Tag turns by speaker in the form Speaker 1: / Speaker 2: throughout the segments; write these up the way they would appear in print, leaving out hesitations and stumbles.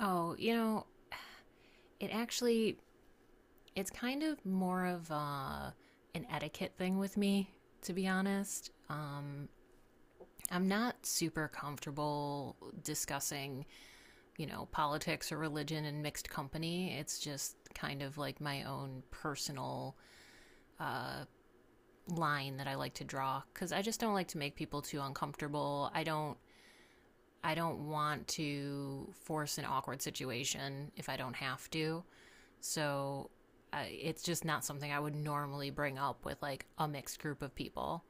Speaker 1: Oh, you know, it actually it's kind of more of an etiquette thing with me, to be honest. I'm not super comfortable discussing, you know, politics or religion in mixed company. It's just kind of like my own personal line that I like to draw because I just don't like to make people too uncomfortable. I don't want to force an awkward situation if I don't have to. So it's just not something I would normally bring up with like a mixed group of people.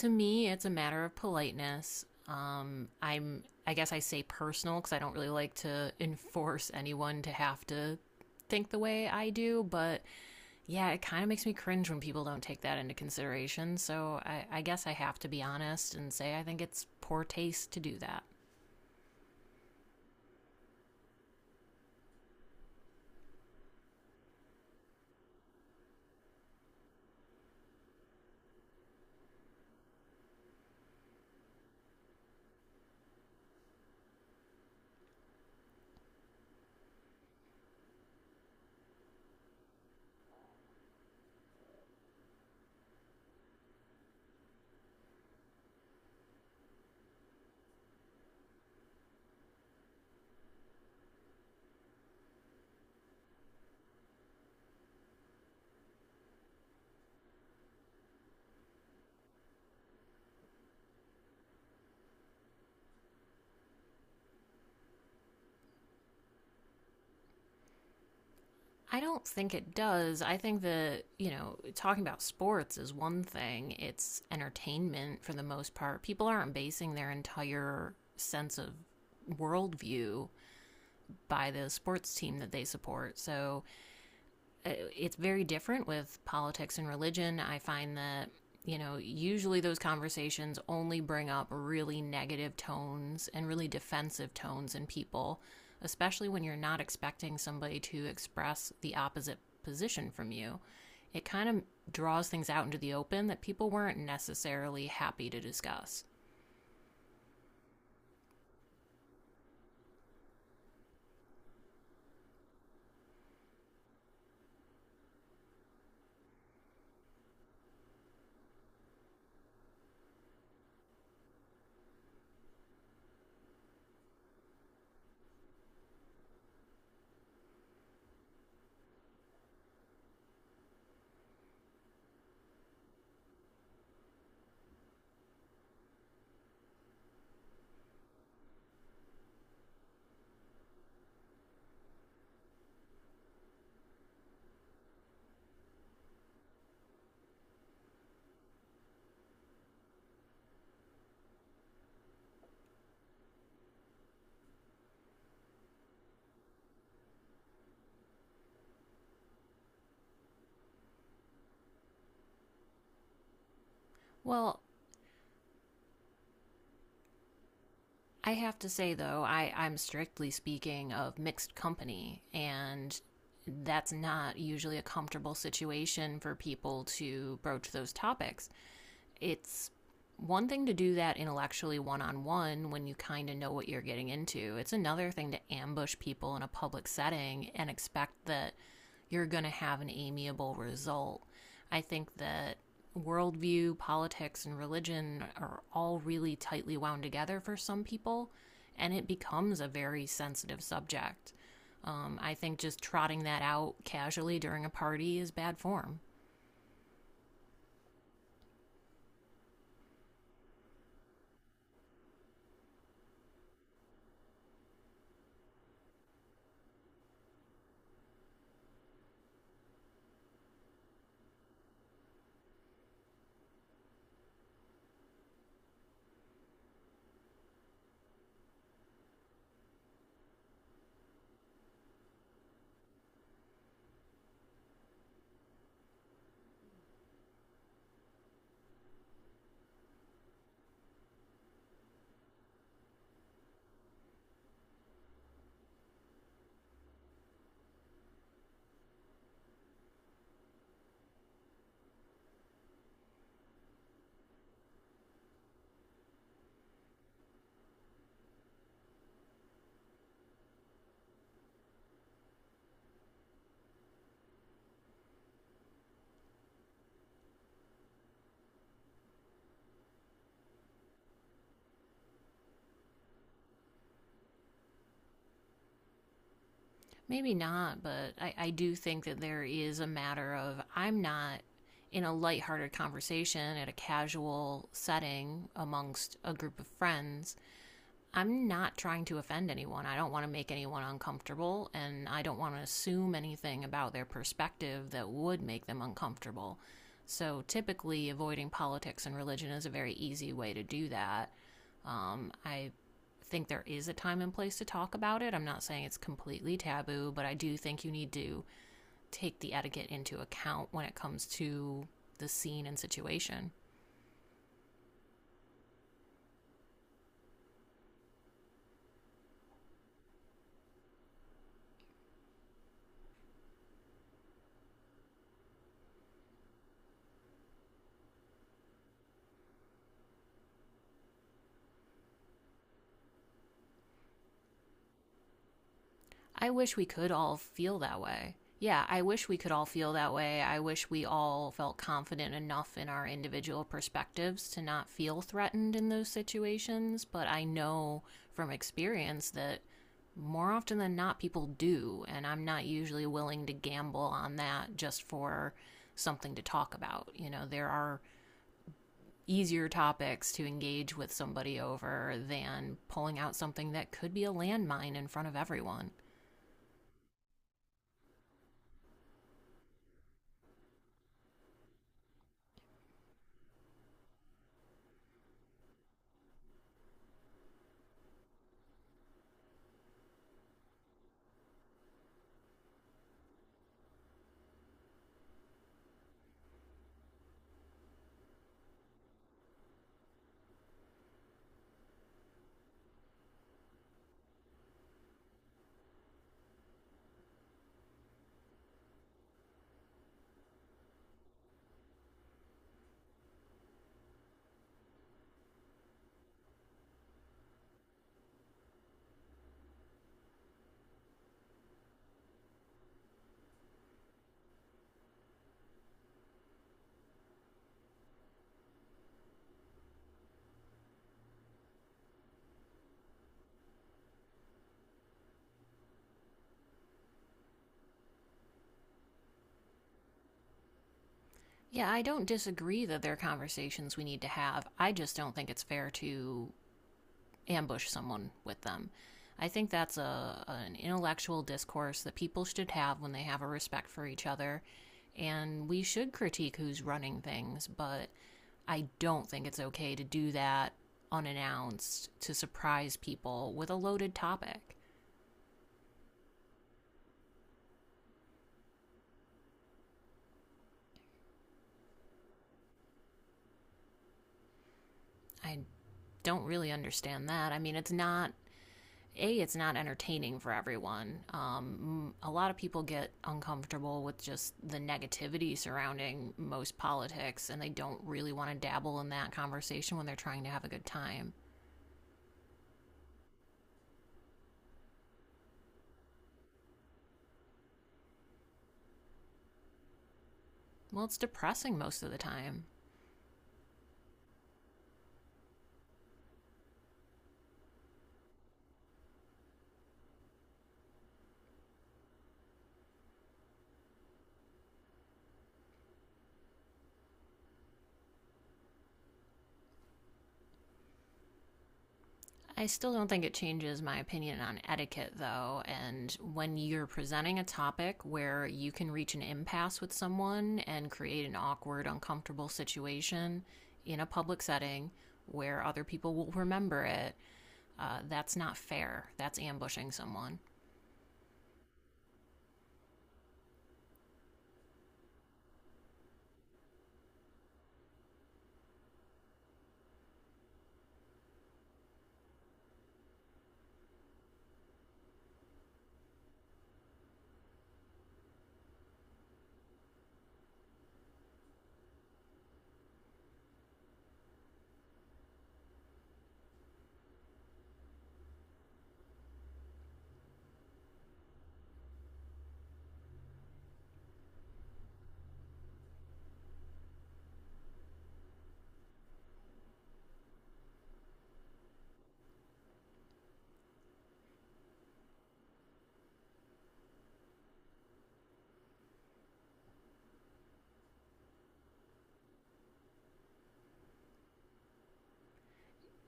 Speaker 1: To me, it's a matter of politeness. I guess I say personal because I don't really like to enforce anyone to have to think the way I do, but yeah, it kind of makes me cringe when people don't take that into consideration. So I guess I have to be honest and say I think it's poor taste to do that. I don't think it does. I think that, you know, talking about sports is one thing. It's entertainment for the most part. People aren't basing their entire sense of worldview by the sports team that they support. So uh, it's very different with politics and religion. I find that, you know, usually those conversations only bring up really negative tones and really defensive tones in people, especially when you're not expecting somebody to express the opposite position from you. It kind of draws things out into the open that people weren't necessarily happy to discuss. Well, I have to say though, I'm strictly speaking of mixed company, and that's not usually a comfortable situation for people to broach those topics. It's one thing to do that intellectually one on one when you kind of know what you're getting into. It's another thing to ambush people in a public setting and expect that you're going to have an amiable result. I think that worldview, politics, and religion are all really tightly wound together for some people, and it becomes a very sensitive subject. I think just trotting that out casually during a party is bad form. Maybe not, but I do think that there is a matter of I'm not in a lighthearted conversation at a casual setting amongst a group of friends. I'm not trying to offend anyone. I don't want to make anyone uncomfortable, and I don't want to assume anything about their perspective that would make them uncomfortable. So typically, avoiding politics and religion is a very easy way to do that. I think there is a time and place to talk about it. I'm not saying it's completely taboo, but I do think you need to take the etiquette into account when it comes to the scene and situation. I wish we could all feel that way. Yeah, I wish we could all feel that way. I wish we all felt confident enough in our individual perspectives to not feel threatened in those situations. But I know from experience that more often than not, people do. And I'm not usually willing to gamble on that just for something to talk about. You know, there are easier topics to engage with somebody over than pulling out something that could be a landmine in front of everyone. Yeah, I don't disagree that there are conversations we need to have. I just don't think it's fair to ambush someone with them. I think that's a an intellectual discourse that people should have when they have a respect for each other. And we should critique who's running things, but I don't think it's okay to do that unannounced to surprise people with a loaded topic. I don't really understand that. I mean, it's not entertaining for everyone. A lot of people get uncomfortable with just the negativity surrounding most politics, and they don't really want to dabble in that conversation when they're trying to have a good time. Well, it's depressing most of the time. I still don't think it changes my opinion on etiquette, though. And when you're presenting a topic where you can reach an impasse with someone and create an awkward, uncomfortable situation in a public setting where other people will remember it, that's not fair. That's ambushing someone.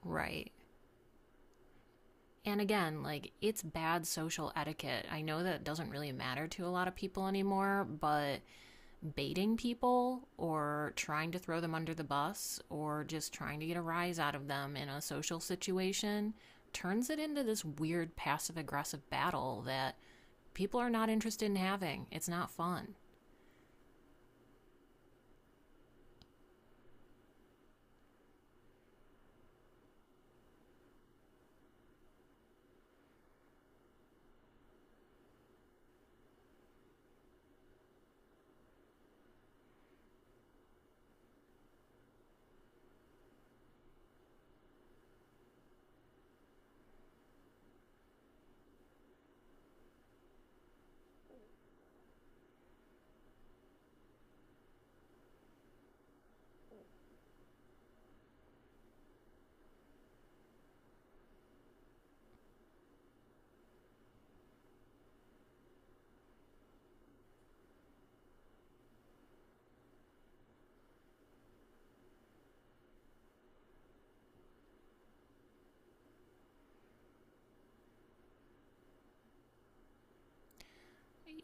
Speaker 1: Right. And again, like, it's bad social etiquette. I know that doesn't really matter to a lot of people anymore, but baiting people or trying to throw them under the bus or just trying to get a rise out of them in a social situation turns it into this weird passive aggressive battle that people are not interested in having. It's not fun.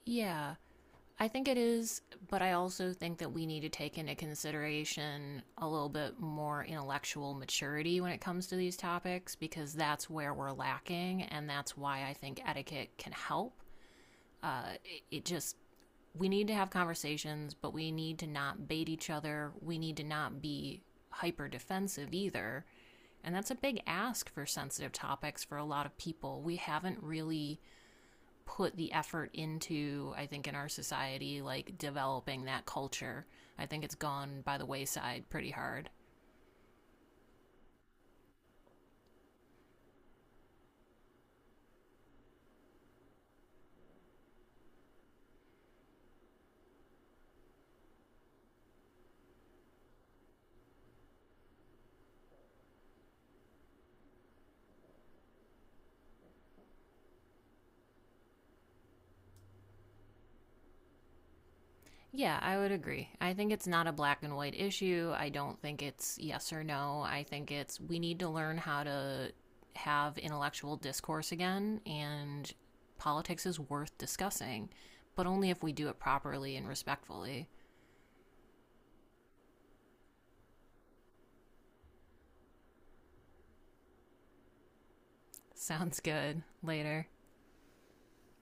Speaker 1: Yeah, I think it is, but I also think that we need to take into consideration a little bit more intellectual maturity when it comes to these topics because that's where we're lacking, and that's why I think etiquette can help. Uh, it, it just, we need to have conversations, but we need to not bait each other. We need to not be hyper defensive either. And that's a big ask for sensitive topics for a lot of people. We haven't really put the effort into, I think, in our society, like developing that culture. I think it's gone by the wayside pretty hard. Yeah, I would agree. I think it's not a black and white issue. I don't think it's yes or no. I think it's we need to learn how to have intellectual discourse again, and politics is worth discussing, but only if we do it properly and respectfully. Sounds good. Later.